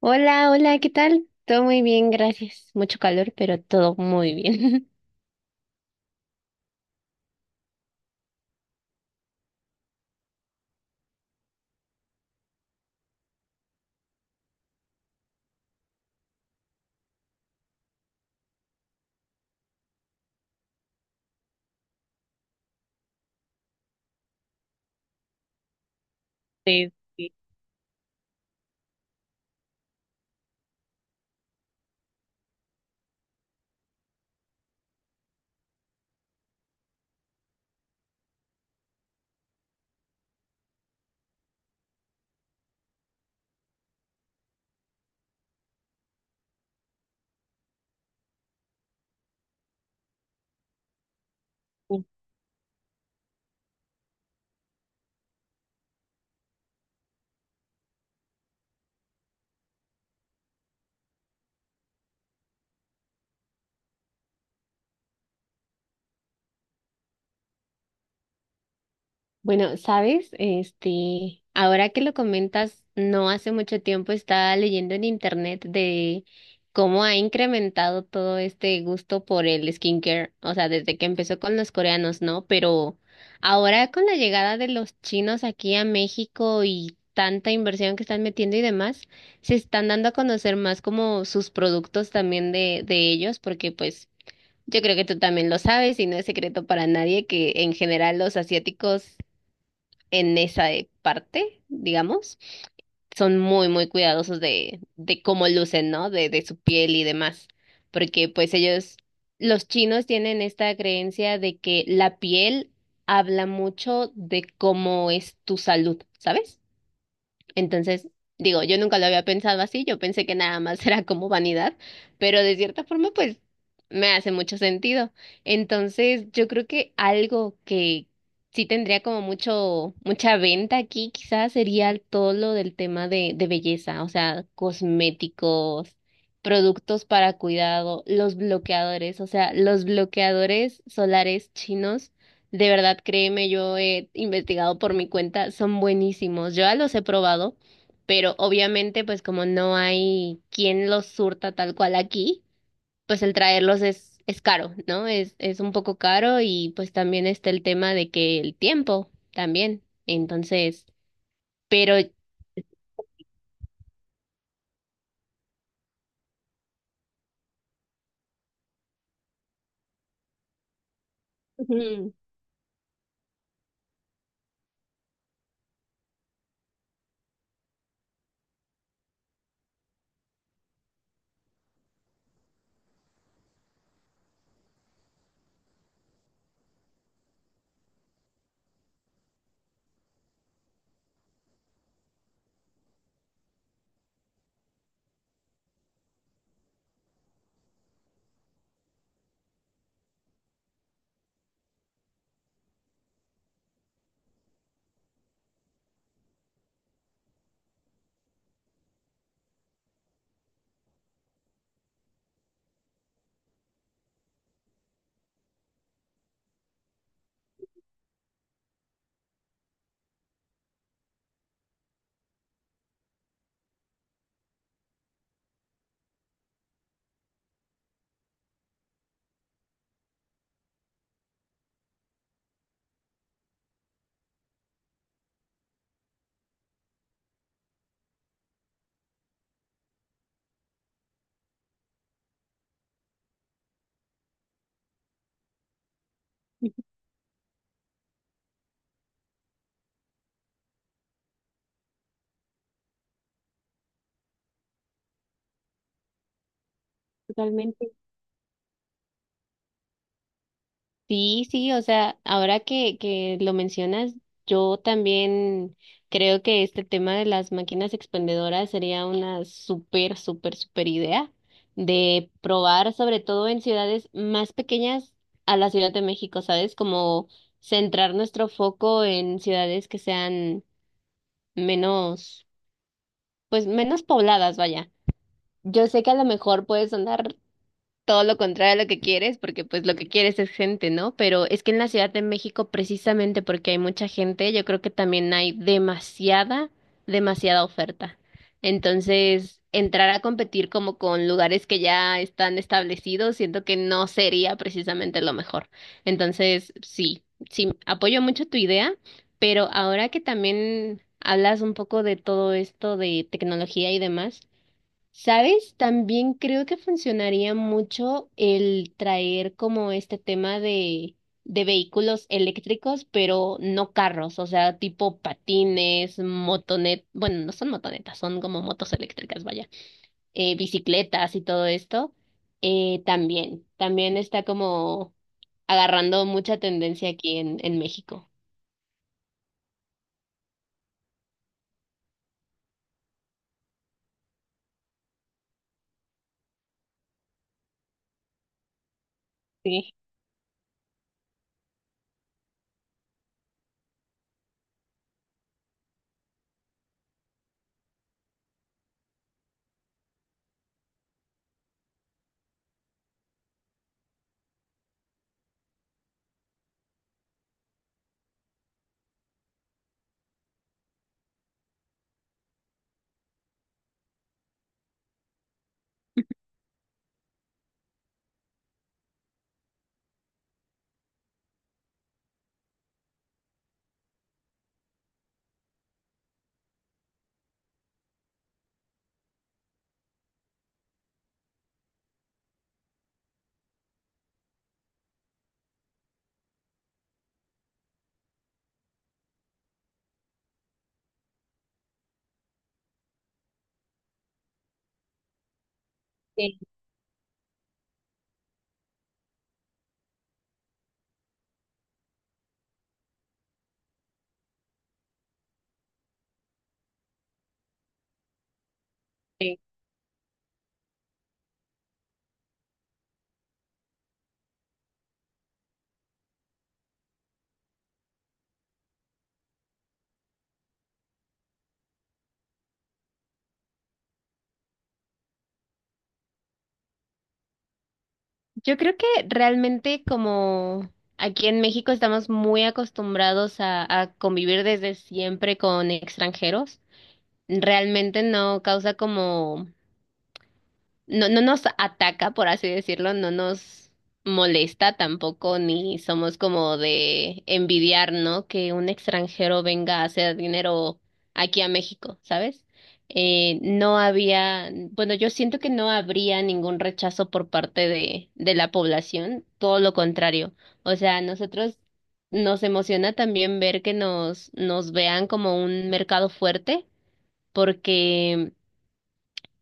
Hola, hola, ¿qué tal? Todo muy bien, gracias. Mucho calor, pero todo muy bien. Sí, sí, bueno, sabes, ahora que lo comentas, no hace mucho tiempo estaba leyendo en internet de cómo ha incrementado todo este gusto por el skincare, o sea, desde que empezó con los coreanos, ¿no? Pero ahora con la llegada de los chinos aquí a México y tanta inversión que están metiendo y demás, se están dando a conocer más como sus productos también de ellos, porque pues yo creo que tú también lo sabes y no es secreto para nadie que en general los asiáticos en esa parte, digamos, son muy, muy cuidadosos de cómo lucen, ¿no? De su piel y demás, porque pues ellos, los chinos tienen esta creencia de que la piel habla mucho de cómo es tu salud, ¿sabes? Entonces, digo, yo nunca lo había pensado así, yo pensé que nada más era como vanidad, pero de cierta forma, pues, me hace mucho sentido. Entonces, yo creo que algo que sí tendría como mucho, mucha venta aquí, quizás sería todo lo del tema de belleza, o sea, cosméticos, productos para cuidado, los bloqueadores, o sea, los bloqueadores solares chinos de verdad, créeme, yo he investigado por mi cuenta, son buenísimos. Yo ya los he probado, pero obviamente, pues como no hay quien los surta tal cual aquí, pues el traerlos es caro, ¿no? Es un poco caro y pues también está el tema de que el tiempo también. Entonces, pero... Ujú, totalmente. Sí, sí, o sea, ahora que lo mencionas, yo también creo que este tema de las máquinas expendedoras sería una súper, súper, súper idea de probar, sobre todo en ciudades más pequeñas a la Ciudad de México, ¿sabes? Como centrar nuestro foco en ciudades que sean menos, pues menos pobladas, vaya. Yo sé que a lo mejor puede sonar todo lo contrario a lo que quieres, porque pues lo que quieres es gente, ¿no? Pero es que en la Ciudad de México, precisamente porque hay mucha gente, yo creo que también hay demasiada oferta. Entonces, entrar a competir como con lugares que ya están establecidos, siento que no sería precisamente lo mejor. Entonces, sí, sí, apoyo mucho tu idea, pero ahora que también hablas un poco de todo esto de tecnología y demás, ¿sabes? También creo que funcionaría mucho el traer como este tema de vehículos eléctricos, pero no carros, o sea, tipo patines, bueno, no son motonetas, son como motos eléctricas, vaya, bicicletas y todo esto. También, también está como agarrando mucha tendencia aquí en México. Sí. Sí. Sí. Yo creo que realmente como aquí en México estamos muy acostumbrados a convivir desde siempre con extranjeros, realmente no causa como no, no nos ataca, por así decirlo, no nos molesta tampoco, ni somos como de envidiar, ¿no? Que un extranjero venga a hacer dinero aquí a México, ¿sabes? No había, bueno, yo siento que no habría ningún rechazo por parte de la población, todo lo contrario. O sea, a nosotros nos emociona también ver que nos, nos vean como un mercado fuerte, porque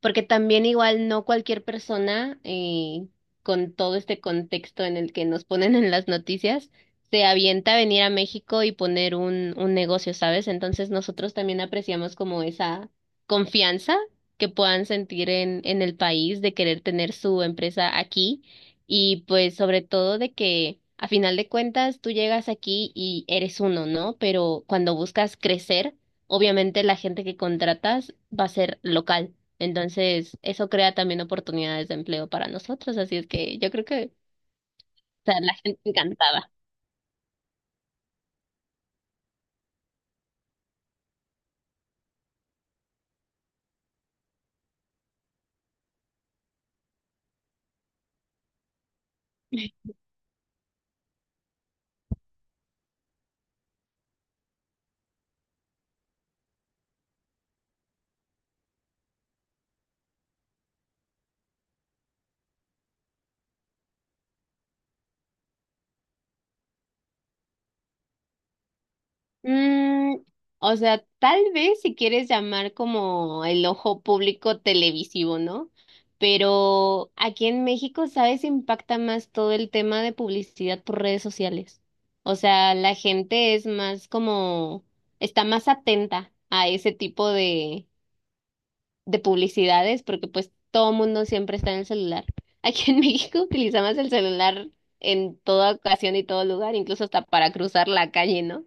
porque también igual no cualquier persona, con todo este contexto en el que nos ponen en las noticias, se avienta a venir a México y poner un negocio, ¿sabes? Entonces nosotros también apreciamos como esa confianza que puedan sentir en el país de querer tener su empresa aquí y pues sobre todo de que a final de cuentas tú llegas aquí y eres uno, ¿no? Pero cuando buscas crecer, obviamente la gente que contratas va a ser local. Entonces, eso crea también oportunidades de empleo para nosotros, así es que yo creo que, o sea, la gente encantada. Mm, o sea, tal vez si quieres llamar como el ojo público televisivo, ¿no? Pero aquí en México, ¿sabes? Impacta más todo el tema de publicidad por redes sociales. O sea, la gente es más como, está más atenta a ese tipo de publicidades, porque pues todo mundo siempre está en el celular. Aquí en México utilizamos el celular en toda ocasión y todo lugar, incluso hasta para cruzar la calle, ¿no?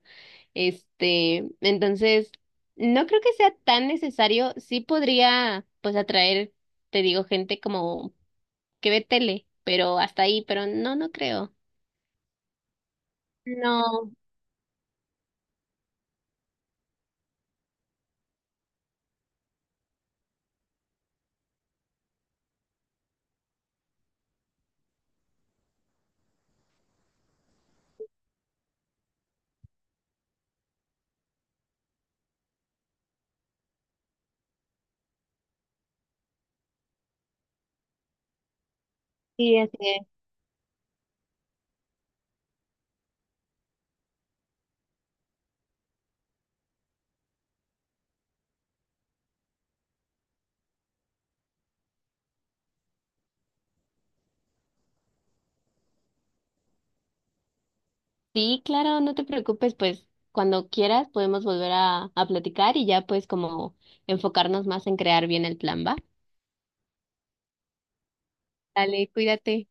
Entonces, no creo que sea tan necesario, sí podría pues atraer, te digo, gente como que ve tele, pero hasta ahí, pero no, no creo. No, sí, así sí, claro, no te preocupes, pues cuando quieras podemos volver a platicar y ya pues como enfocarnos más en crear bien el plan, ¿va? Dale, cuídate.